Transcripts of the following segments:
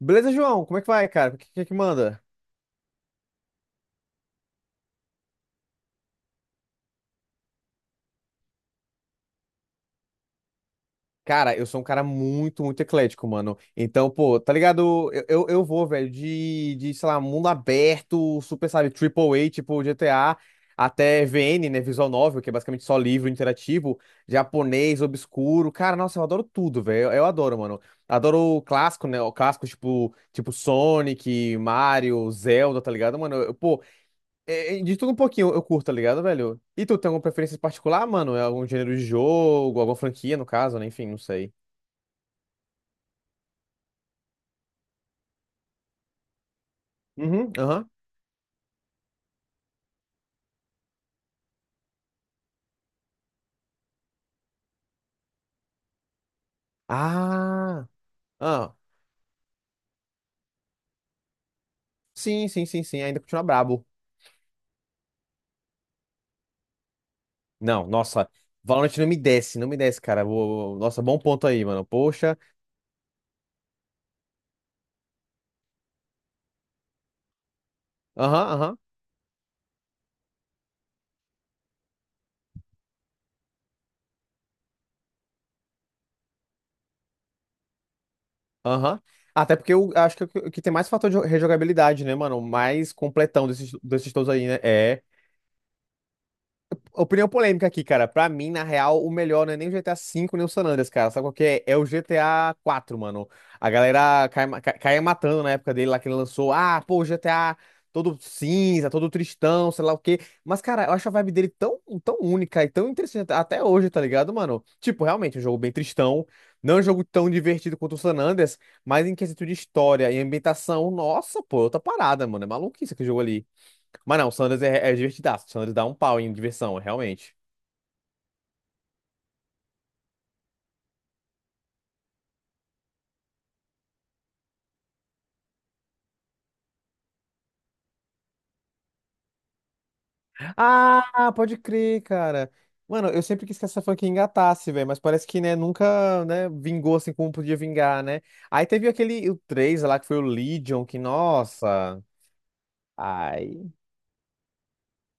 Beleza, João? Como é que vai, cara? O que que manda? Cara, eu sou um cara muito eclético, mano. Então, pô, tá ligado? Eu vou, velho, sei lá, mundo aberto, super, sabe, Triple A, tipo GTA, até VN, né, visual novel, que é basicamente só livro interativo, japonês, obscuro. Cara, nossa, eu adoro tudo, velho. Eu adoro, mano. Adoro o clássico, né? O clássico, tipo Sonic, Mario, Zelda, tá ligado, mano? Eu, pô, de tudo um pouquinho eu curto, tá ligado, velho? E tu tem alguma preferência em particular, mano? É algum gênero de jogo, alguma franquia, no caso, né? Enfim, não sei. Uhum, aham. Ah, ah. Sim, sim, sim, sim. Ainda continua brabo. Não, nossa. Valorant não me desce, não me desce, cara. Nossa, bom ponto aí, mano. Poxa. Aham, aham, aham. Até porque eu acho que o que tem mais fator de rejogabilidade, né, mano? O mais completão desses, desses todos aí, né? É opinião polêmica aqui, cara. Pra mim, na real, o melhor não é nem o GTA V, nem o San Andreas, cara. Sabe qual que é? É o GTA 4, mano. A galera caia matando na época dele lá que ele lançou. Ah, pô, o GTA todo cinza, todo tristão, sei lá o quê. Mas, cara, eu acho a vibe dele tão única e tão interessante até hoje, tá ligado, mano? Tipo, realmente, um jogo bem tristão. Não é um jogo tão divertido quanto o San Andreas, mas em quesito de história e ambientação, nossa, pô, é outra parada, mano. É maluquice aquele jogo ali. Mas não, o Sanders é divertidaço. O Sanders dá um pau em diversão, realmente. Ah, pode crer, cara. Mano, eu sempre quis que essa franquia engatasse, velho, mas parece que, né, nunca, né, vingou assim como podia vingar, né? Aí teve aquele, o 3 lá, que foi o Legion, que, nossa... Ai...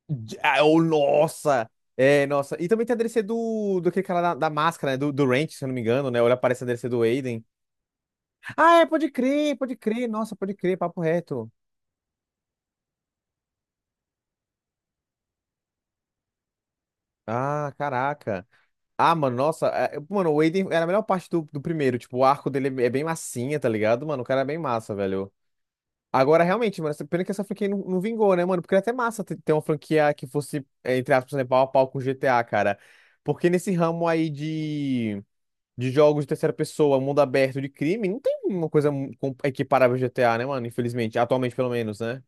ai, oh, nossa! É, nossa. E também tem a DLC do aquele cara da máscara, né, do Ranch, se eu não me engano, né? Olha, aparece a DLC do Aiden. Ah, é, pode crer, pode crer. Nossa, pode crer, papo reto. Ah, caraca. Ah, mano, nossa, mano, o Aiden era a melhor parte do primeiro, tipo, o arco dele é bem massinha, tá ligado? Mano, o cara é bem massa, velho. Agora, realmente, mano, pena que essa franquia não vingou, né, mano? Porque era até massa ter, ter uma franquia que fosse, é, entre aspas, né, pau a pau com GTA, cara. Porque nesse ramo aí de jogos de terceira pessoa, mundo aberto de crime, não tem uma coisa equiparável ao GTA, né, mano? Infelizmente, atualmente pelo menos, né?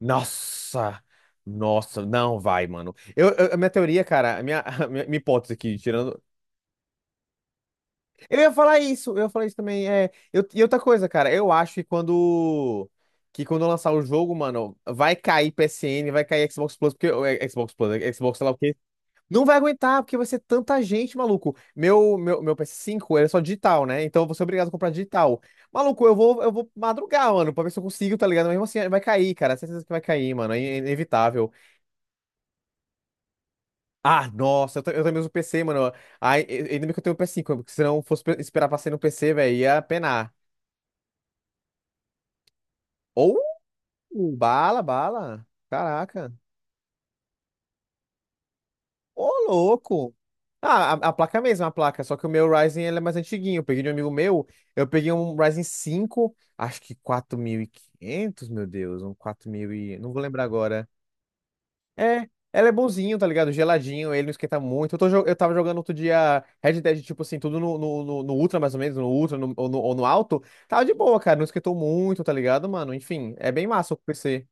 Nossa! Nossa, não vai, mano. A minha teoria, cara, a minha, a minha hipótese aqui, tirando. Eu ia falar isso, eu ia falar isso também. É, eu, e outra coisa, cara, eu acho que quando. Que quando lançar o jogo, mano, vai cair PSN, vai cair Xbox Plus, porque. Ou é, Xbox Plus, é, Xbox, sei lá o quê. Não vai aguentar, porque vai ser tanta gente, maluco. Meu ps cinco ele é só digital, né? Então eu vou ser obrigado a comprar digital. Maluco, eu vou madrugar, mano, pra ver se eu consigo, tá ligado? Mas mesmo assim, vai cair, cara. Certeza que vai cair, mano. É inevitável. Ah, nossa, eu também uso PC, mano. Ai, ainda bem que eu tenho o ps cinco porque se não fosse esperar pra sair no PC, velho, ia penar. Ou uh, bala, bala. Caraca. Ô, louco. Ah, a placa é a mesma, a placa. Só que o meu Ryzen ele é mais antiguinho. Eu peguei de um amigo meu. Eu peguei um Ryzen cinco. Acho que 4.500. Meu Deus. Um 4.000 e... Não vou lembrar agora. É, ela é bonzinho, tá ligado? Geladinho, ele não esquenta muito. Eu, tô, eu tava jogando outro dia Red Dead, tipo assim, tudo no Ultra, mais ou menos, no Ultra ou no alto. Tava de boa, cara. Não esquentou muito, tá ligado, mano? Enfim, é bem massa o PC.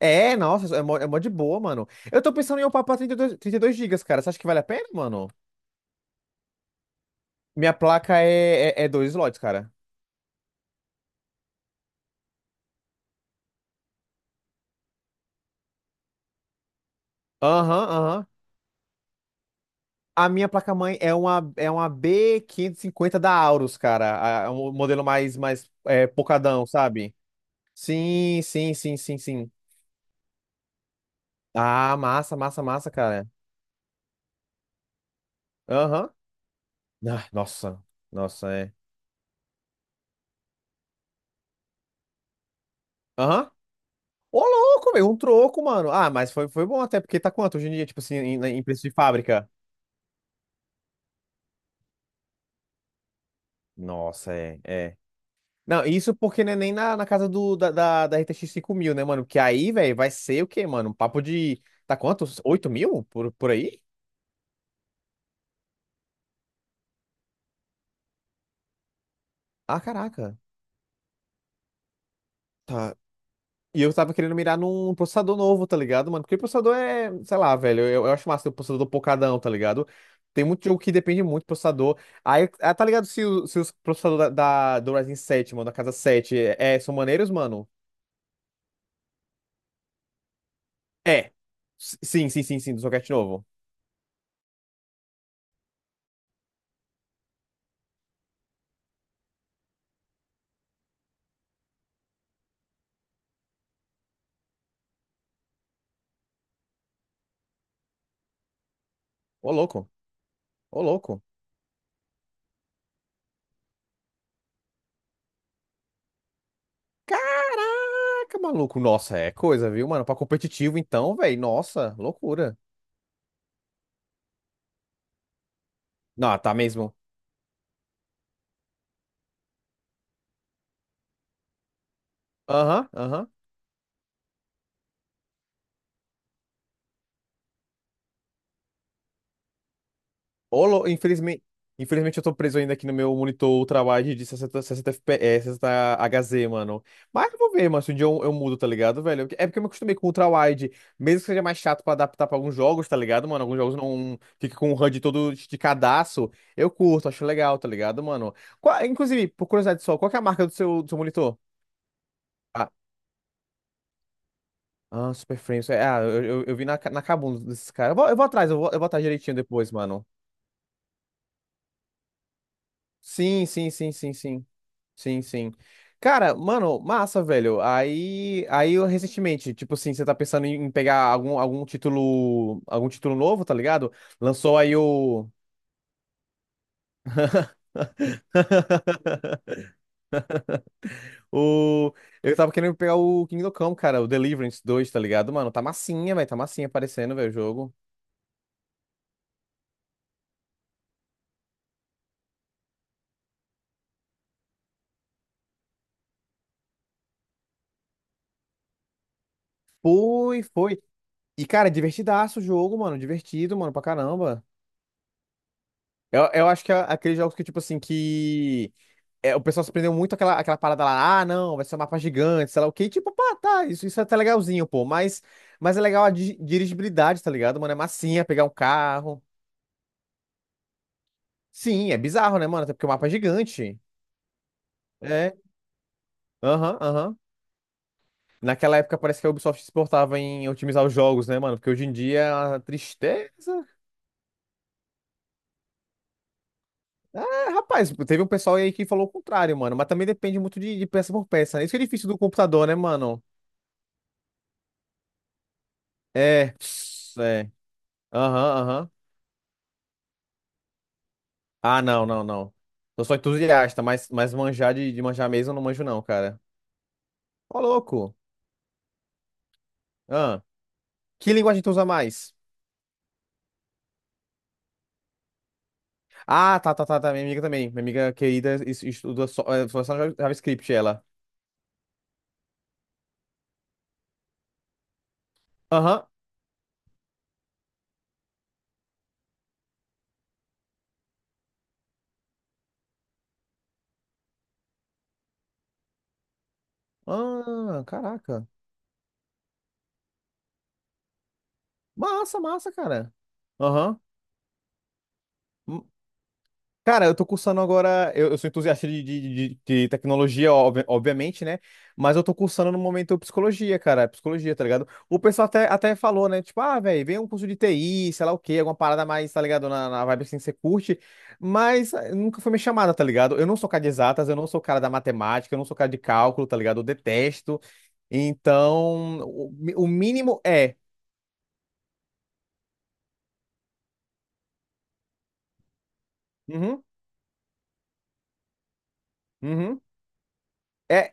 É, nossa, é mó de boa, mano. Eu tô pensando em upar pra trinta e dois gigas, cara. Você acha que vale a pena, mano? Minha placa é dois slots, cara. Aham, aham. A minha placa-mãe é uma B550 da Aorus, cara. É um modelo mais, mais é, pocadão, sabe? Sim, sim, sim, sim, sim. Ah, massa, massa, massa, cara. Aham. Ah, nossa, nossa, é. Aham. Ô, louco, velho, um troco, mano. Ah, mas foi, foi bom até, porque tá quanto hoje em dia, tipo assim, em preço de fábrica? Nossa, é, é. Não, isso porque não é nem na, na casa da R T X 5000, né, mano? Porque aí, velho, vai ser o quê, mano? Um papo de. Tá quanto? 8000? Por aí? Ah, caraca. Tá. E eu tava querendo mirar num processador novo, tá ligado, mano? Porque processador é, sei lá, velho. Eu acho massa ter um processador pocadão, tá ligado? Tem muito jogo que depende muito do processador. Aí, ah, tá ligado se, se os processadores do Ryzen sete, mano, da casa 7 é, são maneiros, mano? É. Sim, sim, sim, sim, do socket novo. Ô, louco. Ô, louco. Caraca, maluco. Nossa, é coisa, viu, mano? Pra competitivo, então, velho. Nossa, loucura. Não, tá mesmo. Aham, aham. Infelizmente, infelizmente eu tô preso ainda aqui no meu monitor ultrawide de 60, 60 FPS, 60 Hz, mano. Mas eu vou ver, mano, se um dia eu mudo, tá ligado, velho? É porque eu me acostumei com o ultrawide, mesmo que seja mais chato pra adaptar pra alguns jogos, tá ligado, mano? Alguns jogos não fica com o HUD todo esticadaço. Eu curto, acho legal, tá ligado, mano? Inclusive, por curiosidade só, qual que é a marca do seu monitor? Ah, ah, Super Frames. É, ah, eu vi na, na Kabum desses caras. Eu vou atrás, eu vou atrás direitinho depois, mano. Sim, sim, sim, sim, sim. Sim, sim. Cara, mano, massa, velho. Aí eu recentemente, tipo assim, você tá pensando em pegar algum título novo, tá ligado? Lançou aí o o eu tava querendo pegar o Kingdom Come, cara, o Deliverance dois, tá ligado? Mano, tá massinha, velho, tá massinha aparecendo, velho, o jogo. Foi, foi. E, cara, divertidaço o jogo, mano. Divertido, mano, pra caramba. Eu acho que é aqueles jogos que, tipo assim, que é, o pessoal se prendeu muito àquela, àquela parada lá, ah, não, vai ser um mapa gigante, sei lá o quê. E, tipo, pá, tá, isso é até legalzinho, pô. Mas é legal a dirigibilidade, tá ligado, mano? É massinha, pegar um carro. Sim, é bizarro, né, mano? Até porque o mapa é gigante. É, aham, aham. Naquela época parece que a Ubisoft se portava em otimizar os jogos, né, mano? Porque hoje em dia é uma tristeza. É, rapaz, teve um pessoal aí que falou o contrário, mano. Mas também depende muito de peça por peça, né? Isso que é difícil do computador, né, mano? É. É. Aham, aham. Ah, não, não, não. Eu sou entusiasta, mas manjar de manjar mesmo eu não manjo, não, cara. Ô, louco. Ah, que linguagem tu usa mais? Ah, tá, tá, tá, tá. Minha amiga também. Minha amiga querida estuda só, é, só JavaScript, ela. Aham. Ah, caraca. Massa, massa, cara. Aham. Cara, eu tô cursando agora. Eu sou entusiasta de tecnologia, obviamente, né? Mas eu tô cursando no momento psicologia, cara. Psicologia, tá ligado? O pessoal até falou, né? Tipo, ah, velho, vem um curso de TI, sei lá o quê, alguma parada mais, tá ligado? Na vibe assim que você curte. Mas eh, nunca foi minha chamada, tá ligado? Eu não sou cara de exatas, eu não sou cara da matemática, eu não sou cara de cálculo, tá ligado? Eu detesto. Então, o mínimo é. Uhum, uhum. É,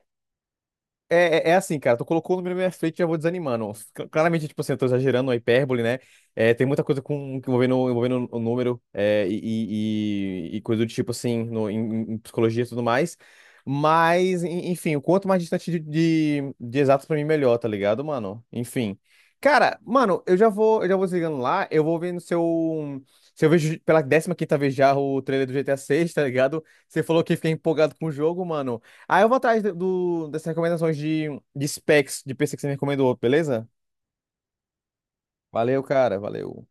É assim, cara, tu colocou o número na minha frente e já vou desanimando. Claramente, tipo assim, eu tô exagerando, é hipérbole, né? É, tem muita coisa com, envolvendo o número é, e coisa do tipo, assim, no, em, em psicologia e tudo mais. Mas, enfim, o quanto mais distante de exatos pra mim, melhor, tá ligado, mano? Enfim. Cara, mano, eu já vou desligando lá, eu vou vendo se eu, se eu vejo pela 15ª vez já o trailer do GTA 6, tá ligado? Você falou que fiquei empolgado com o jogo, mano. Aí eu vou atrás dessas recomendações de specs de PC que você me recomendou, beleza? Valeu, cara, valeu.